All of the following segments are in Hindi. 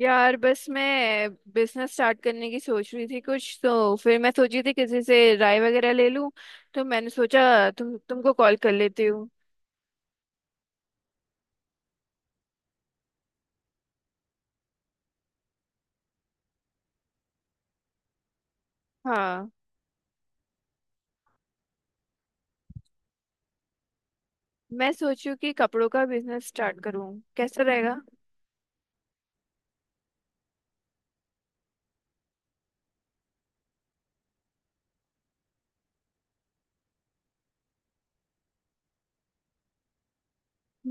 यार बस मैं बिजनेस स्टार्ट करने की सोच रही थी कुछ। तो फिर मैं सोची थी किसी से राय वगैरह ले लूं, तो मैंने सोचा तुमको कॉल कर लेती हूँ। हाँ, मैं सोचूं कि कपड़ों का बिजनेस स्टार्ट करूँ, कैसा रहेगा?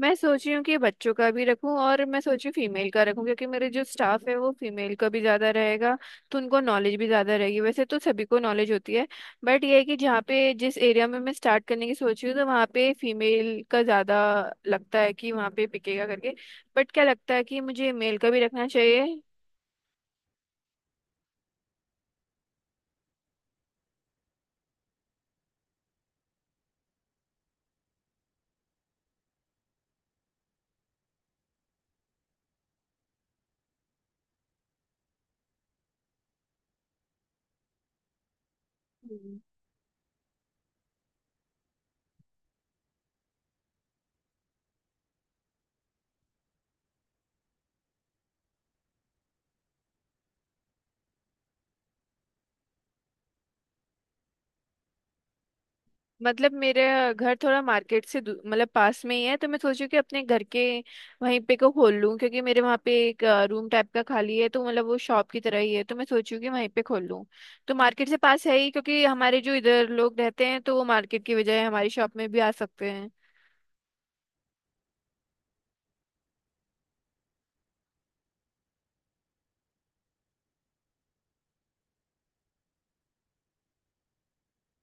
मैं सोच रही हूँ कि बच्चों का भी रखूँ, और मैं सोच रही हूँ फीमेल का रखूँ, क्योंकि मेरे जो स्टाफ है वो फीमेल का भी ज़्यादा रहेगा। तो उनको नॉलेज भी ज़्यादा रहेगी, वैसे तो सभी को नॉलेज होती है। बट ये है कि जहाँ पे जिस एरिया में मैं स्टार्ट करने की सोच रही हूँ, तो वहाँ पे फीमेल का ज़्यादा लगता है कि वहाँ पे पिकेगा करके। बट क्या लगता है कि मुझे मेल का भी रखना चाहिए? मतलब मेरे घर थोड़ा मार्केट से मतलब पास में ही है, तो मैं सोची कि अपने घर के वहीं पे को खोल लूँ, क्योंकि मेरे वहाँ पे एक रूम टाइप का खाली है, तो मतलब वो शॉप की तरह ही है। तो मैं सोचूँ कि वहीं पे खोल लूँ, तो मार्केट से पास है ही, क्योंकि हमारे जो इधर लोग रहते हैं तो वो मार्केट की बजाय हमारी शॉप में भी आ सकते हैं।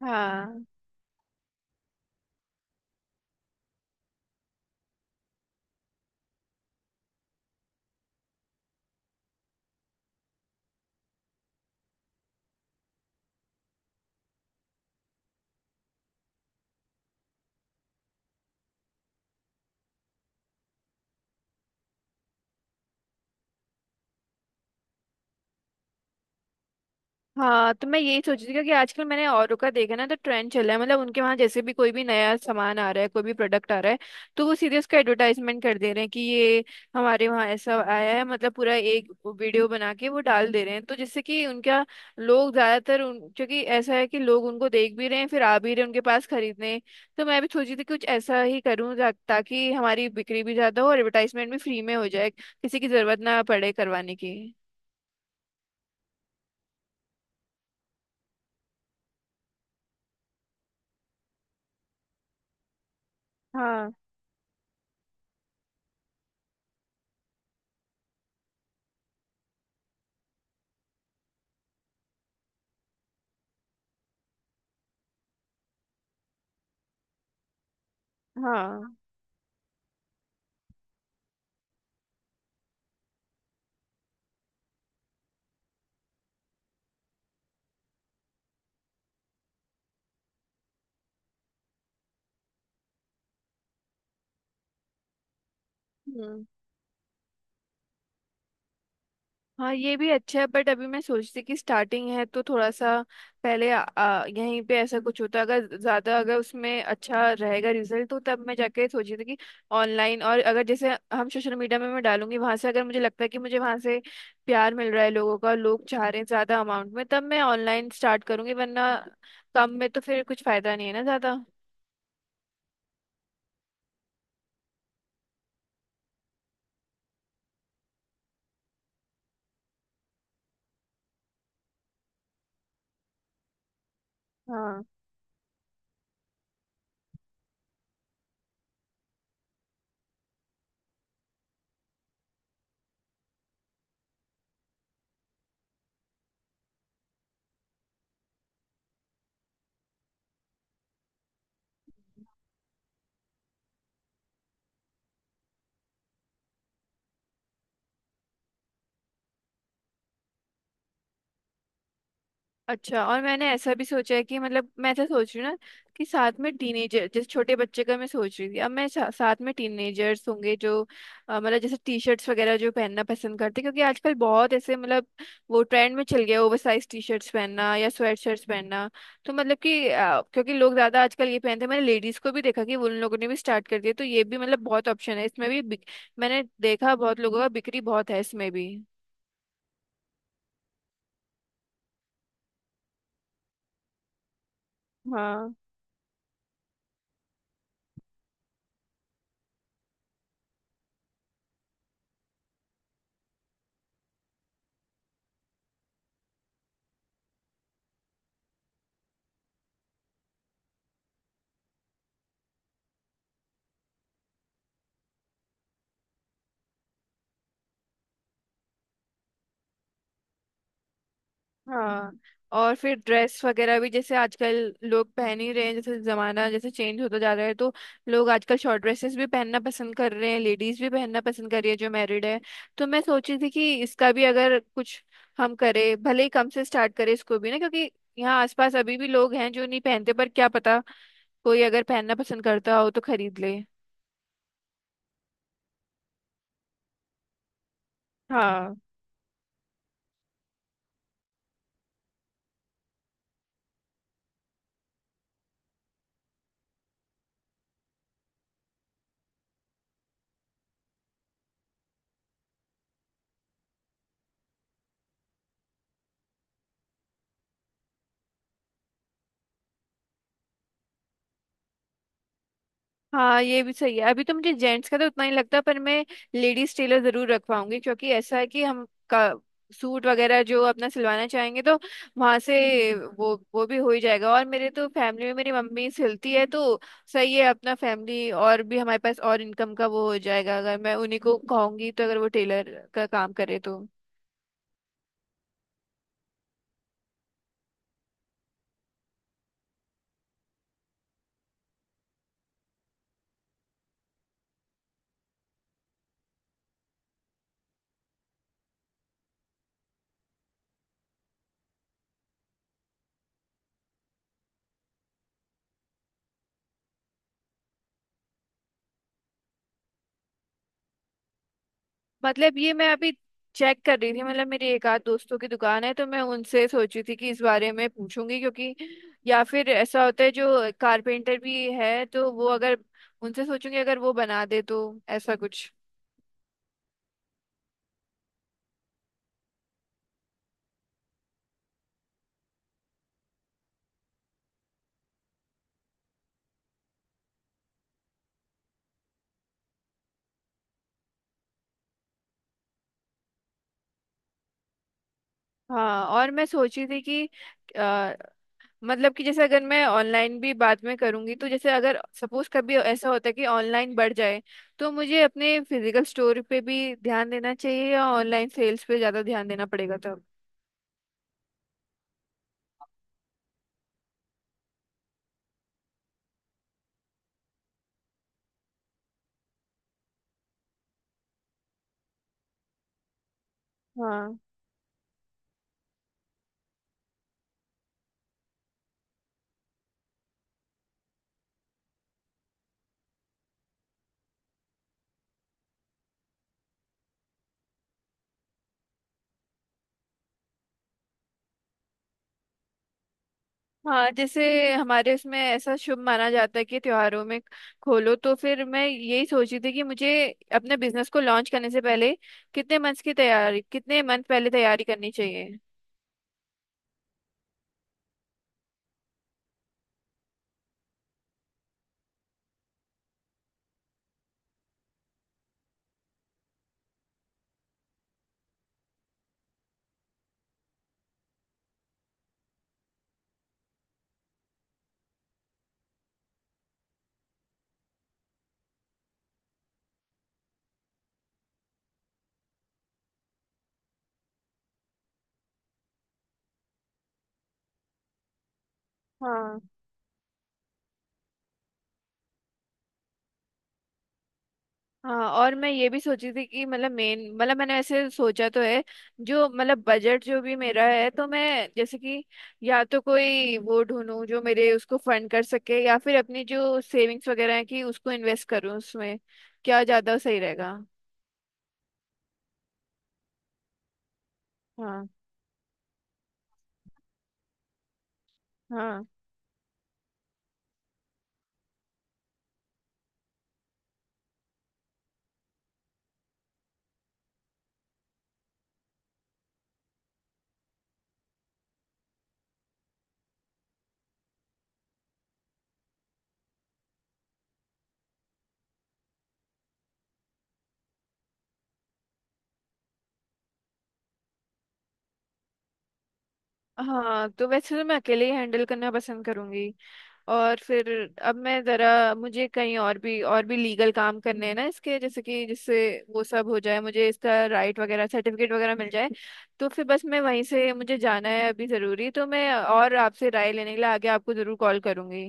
हाँ। हाँ, तो मैं यही सोच रही थी, क्योंकि आजकल मैंने औरों का देखा ना, तो ट्रेंड चला है, मतलब उनके वहाँ जैसे भी कोई भी नया सामान आ रहा है, कोई भी प्रोडक्ट आ रहा है, तो वो सीधे उसका एडवर्टाइजमेंट कर दे रहे हैं कि ये हमारे वहाँ ऐसा आया है। मतलब पूरा एक वीडियो बना के वो डाल दे रहे हैं, तो जिससे कि उनका लोग ज़्यादातर उन, क्योंकि ऐसा है कि लोग उनको देख भी रहे हैं, फिर आ भी रहे हैं उनके पास खरीदने। तो मैं भी सोच रही थी कुछ ऐसा ही करूँ ताकि हमारी बिक्री भी ज़्यादा हो, और एडवर्टाइजमेंट भी फ्री में हो जाए, किसी की ज़रूरत ना पड़े करवाने की। हाँ। हाँ। हम्म। हाँ, ये भी अच्छा है, बट अभी मैं सोचती कि स्टार्टिंग है, तो थोड़ा सा पहले आ, आ, यहीं पे ऐसा कुछ होता। अगर ज्यादा, अगर उसमें अच्छा रहेगा रिजल्ट, तो तब मैं जाके सोची थी कि ऑनलाइन। और अगर जैसे हम सोशल मीडिया में मैं डालूंगी, वहां से अगर मुझे लगता है कि मुझे वहां से प्यार मिल रहा है लोगों का, लोग चाह रहे हैं ज्यादा अमाउंट में, तब मैं ऑनलाइन स्टार्ट करूंगी, वरना कम में तो फिर कुछ फायदा नहीं है ना ज्यादा। हाँ। अच्छा, और मैंने ऐसा भी सोचा है कि मतलब मैं ऐसा सोच रही हूँ ना, कि साथ में टीनेजर जैसे छोटे बच्चे का मैं सोच रही थी। अब मैं साथ में टीनेजर्स होंगे जो मतलब जैसे टी शर्ट्स वगैरह जो पहनना पसंद करते हैं, क्योंकि आजकल बहुत ऐसे, मतलब वो ट्रेंड में चल गया ओवर साइज टी शर्ट्स पहनना या स्वेट शर्ट्स पहनना। तो मतलब कि क्योंकि लोग ज़्यादा आजकल ये पहनते हैं, मैंने लेडीज़ को भी देखा कि उन लोगों ने भी स्टार्ट कर दिया, तो ये भी मतलब बहुत ऑप्शन है इसमें भी मैंने देखा बहुत लोगों का बिक्री बहुत है इसमें भी। हाँ। हाँ, और फिर ड्रेस वगैरह भी जैसे आजकल लोग पहन ही रहे हैं, जैसे जमाना जैसे चेंज होता जा रहा है, तो लोग आजकल शॉर्ट ड्रेसेस भी पहनना पसंद कर रहे हैं, लेडीज भी पहनना पसंद कर रही है जो मैरिड है। तो मैं सोची थी कि इसका भी अगर कुछ हम करें, भले ही कम से स्टार्ट करें इसको भी ना, क्योंकि यहाँ आसपास अभी भी लोग हैं जो नहीं पहनते, पर क्या पता कोई अगर पहनना पसंद करता हो तो खरीद ले। हाँ। हाँ, ये भी सही है, अभी तो मुझे जेंट्स का तो उतना ही लगता है, पर मैं लेडीज टेलर जरूर रखवाऊंगी, क्योंकि ऐसा है कि हम का सूट वगैरह जो अपना सिलवाना चाहेंगे तो वहां से वो भी हो ही जाएगा। और मेरे तो फैमिली में मेरी मम्मी सिलती है, तो सही है अपना फैमिली। और भी हमारे पास और इनकम का वो हो जाएगा, अगर मैं उन्हीं को कहूंगी तो, अगर वो टेलर का काम करे तो। मतलब ये मैं अभी चेक कर रही थी, मतलब मेरी एक आध दोस्तों की दुकान है, तो मैं उनसे सोची थी कि इस बारे में पूछूंगी। क्योंकि या फिर ऐसा होता है जो कारपेंटर भी है, तो वो अगर उनसे सोचूंगी, अगर वो बना दे तो ऐसा कुछ। हाँ, और मैं सोची थी कि अ, मतलब कि जैसे अगर मैं ऑनलाइन भी बाद में करूंगी, तो जैसे अगर सपोज कभी ऐसा होता है कि ऑनलाइन बढ़ जाए, तो मुझे अपने फिजिकल स्टोर पे भी ध्यान देना चाहिए, या ऑनलाइन सेल्स पे ज़्यादा ध्यान देना पड़ेगा तब? हाँ। हाँ, जैसे हमारे इसमें ऐसा शुभ माना जाता है कि त्योहारों में खोलो, तो फिर मैं यही सोची थी कि मुझे अपने बिजनेस को लॉन्च करने से पहले कितने मंथ्स की तैयारी, कितने मंथ पहले तैयारी करनी चाहिए? हाँ। हाँ, और मैं ये भी सोची थी कि मतलब मेन, मतलब मैंने ऐसे सोचा तो है जो, मतलब बजट जो भी मेरा है, तो मैं जैसे कि या तो कोई वो ढूंढूं जो मेरे उसको फंड कर सके, या फिर अपनी जो सेविंग्स वगैरह है कि उसको इन्वेस्ट करूं उसमें, क्या ज्यादा सही रहेगा? हाँ। हाँ। हाँ, तो वैसे तो मैं अकेले ही हैंडल करना पसंद करूंगी। और फिर अब मैं जरा, मुझे कहीं और भी लीगल काम करने हैं ना इसके, जैसे कि जिससे वो सब हो जाए, मुझे इसका राइट वगैरह सर्टिफिकेट वगैरह मिल जाए। तो फिर बस मैं वहीं से, मुझे जाना है अभी ज़रूरी, तो मैं और आपसे राय लेने के लिए आगे आपको ज़रूर कॉल करूंगी।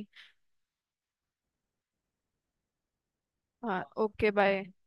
हाँ, ओके, बाय।